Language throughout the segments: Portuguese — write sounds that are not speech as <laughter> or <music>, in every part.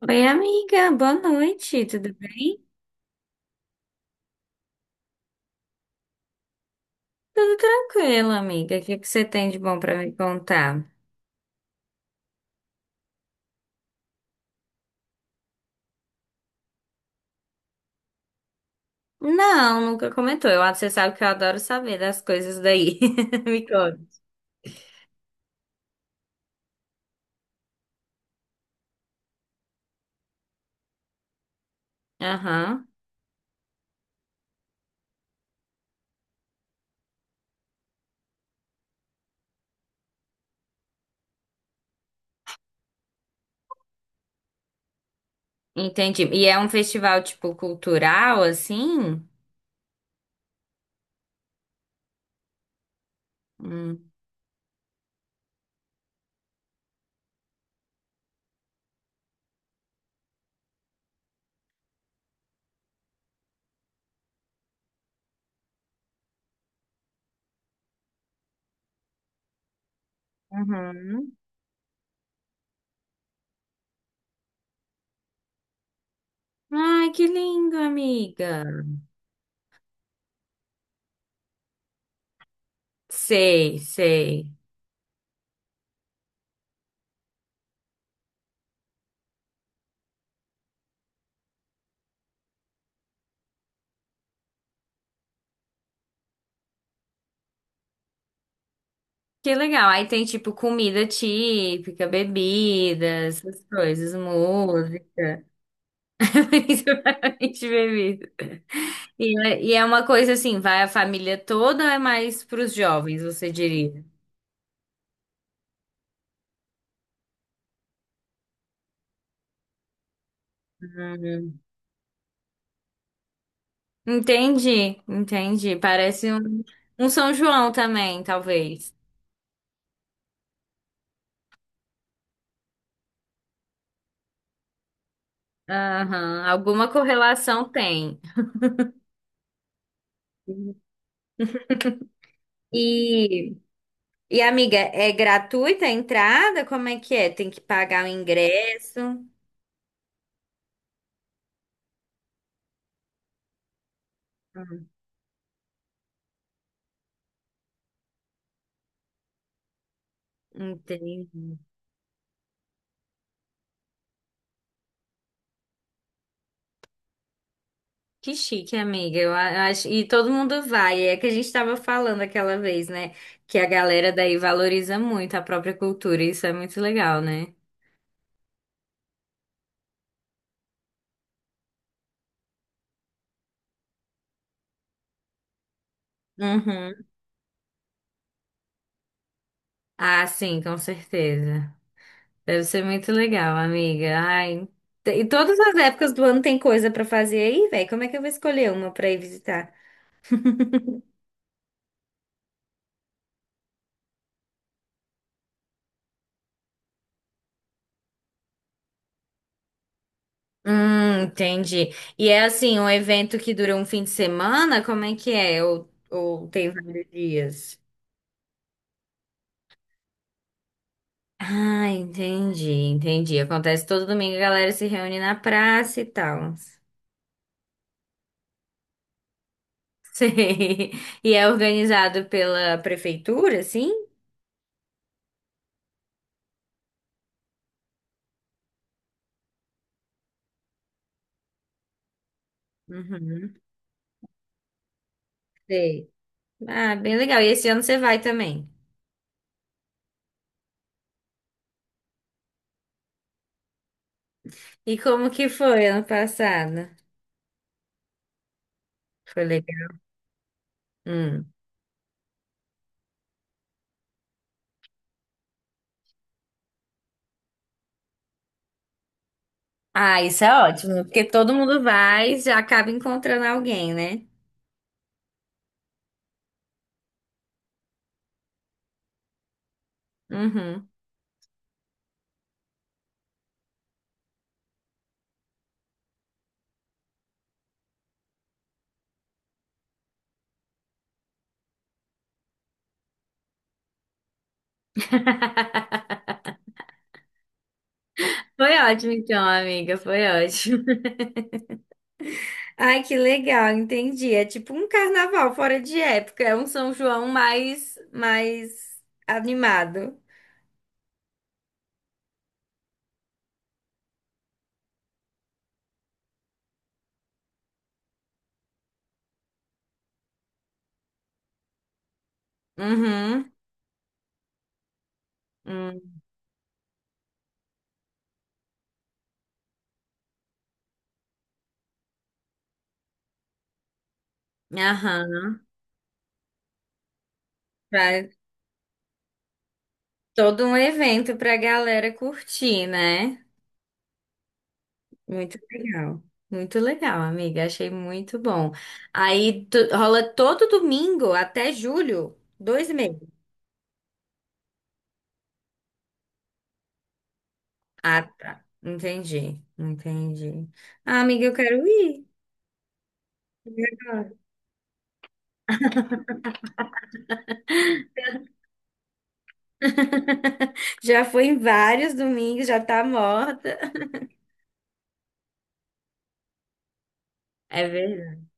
Oi, amiga, boa noite, tudo bem? Tudo tranquilo, amiga. O que que você tem de bom pra me contar? Não, nunca comentou. Eu, você sabe que eu adoro saber das coisas daí. <laughs> Me conta. Aham, entendi. E é um festival, tipo, cultural, assim? Hum. Uhum. Ai, que lindo, amiga. Sei, sei. Que legal. Aí tem, tipo, comida típica, bebidas, essas coisas, música. <laughs> Principalmente bebidas. E é uma coisa assim, vai a família toda, ou é mais para os jovens, você diria. Hum. Entendi, entendi. Parece um São João também, talvez. Aham, alguma correlação tem. E, e amiga, é gratuita a entrada? Como é que é? Tem que pagar o ingresso? Entendi. Que chique, amiga. Eu acho, e todo mundo vai. É que a gente estava falando aquela vez, né? Que a galera daí valoriza muito a própria cultura. Isso é muito legal, né? Uhum. Ah, sim, com certeza. Deve ser muito legal, amiga. Ai, e todas as épocas do ano tem coisa pra fazer aí, velho. Como é que eu vou escolher uma pra ir visitar? Entendi. E é assim, um evento que dura um fim de semana? Como é que é? Ou tem vários dias? Ah, entendi, entendi. Acontece todo domingo, a galera se reúne na praça e tal. <laughs> Sei. E é organizado pela prefeitura, sim? Uhum, sei. Ah, bem legal. E esse ano você vai também. E como que foi ano passado? Foi legal. Hum. Ah, isso é ótimo, porque todo mundo vai e já acaba encontrando alguém, né? Uhum. Foi ótimo, então, amiga. Foi ótimo. Ai, que legal, entendi. É tipo um carnaval fora de época, é um São João mais animado. Uhum. Hum, aham. Pra- Todo um evento pra galera curtir, né? Muito legal. Muito legal, amiga. Achei muito bom. Aí rola todo domingo até julho, dois meses. Ah, tá. Entendi, entendi. Ah, amiga, eu quero ir. <laughs> Já foi em vários domingos, já tá morta. É verdade.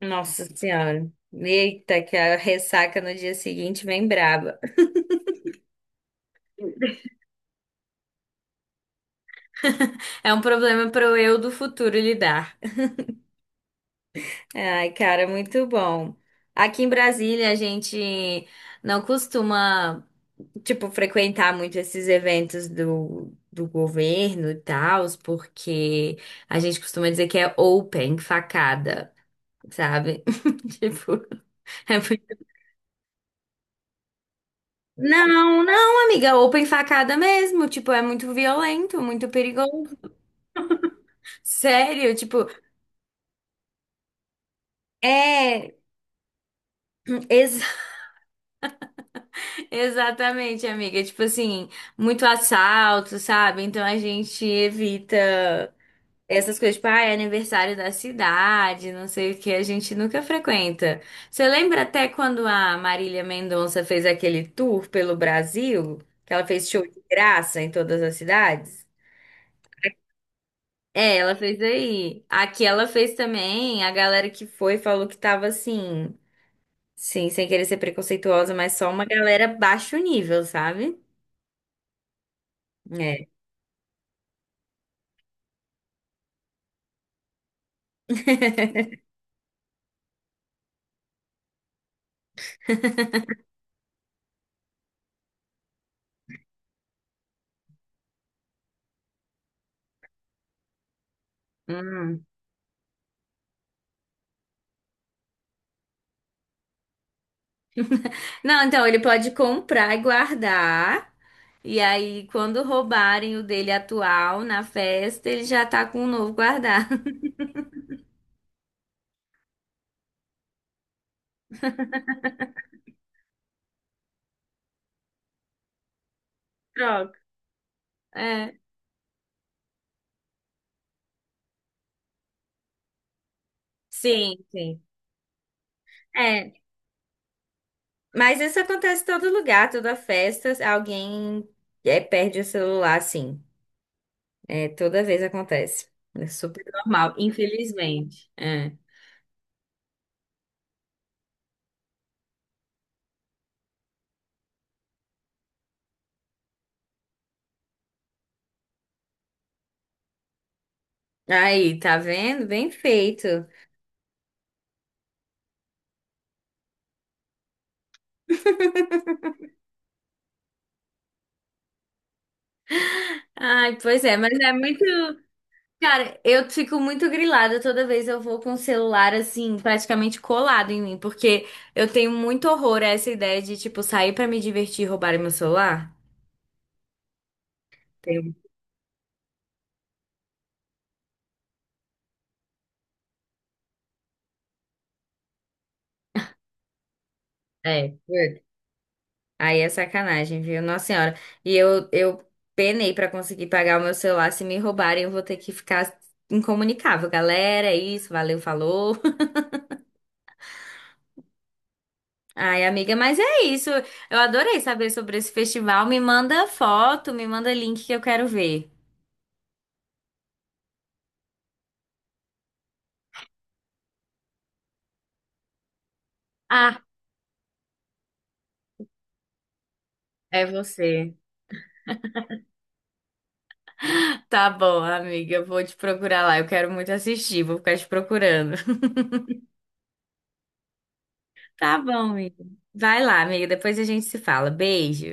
Nossa Senhora. Eita, que a ressaca no dia seguinte vem braba. É um problema para o eu do futuro lidar. Ai, cara, muito bom. Aqui em Brasília, a gente não costuma, tipo, frequentar muito esses eventos do governo e tal, porque a gente costuma dizer que é open, facada, sabe? <laughs> Tipo, é muito... Não, não, amiga, open facada mesmo. Tipo, é muito violento, muito perigoso. Sério, tipo, é, ex- <laughs> exatamente, amiga. Tipo assim, muito assalto, sabe? Então a gente evita essas coisas, tipo, ah, é aniversário da cidade, não sei o que, a gente nunca frequenta. Você lembra até quando a Marília Mendonça fez aquele tour pelo Brasil? Que ela fez show de graça em todas as cidades? É, ela fez aí. Aqui ela fez também. A galera que foi falou que tava assim. Sim, sem querer ser preconceituosa, mas só uma galera baixo nível, sabe? É. Hum. Não, então ele pode comprar e guardar. E aí, quando roubarem o dele atual na festa, ele já tá com o novo guardado. <laughs> Troca. É. Sim, sim. É. Mas isso acontece em todo lugar, toda festa, alguém é, perde o celular, sim. É, toda vez acontece. É super normal, infelizmente. É. Aí, tá vendo? Bem feito. Ai, pois é, mas é muito. Cara, eu fico muito grilada toda vez eu vou com o celular assim, praticamente colado em mim, porque eu tenho muito horror a essa ideia de, tipo, sair pra me divertir e roubarem meu celular. Tenho. É, putz, aí é sacanagem, viu? Nossa Senhora. E eu penei pra conseguir pagar o meu celular. Se me roubarem, eu vou ter que ficar incomunicável. Galera, é isso, valeu, falou. Ai, amiga, mas é isso. Eu adorei saber sobre esse festival. Me manda foto, me manda link que eu quero ver. Ah, é você. Tá bom, amiga, eu vou te procurar lá. Eu quero muito assistir, vou ficar te procurando. <laughs> Tá bom, amiga. Vai lá, amiga, depois a gente se fala. Beijo.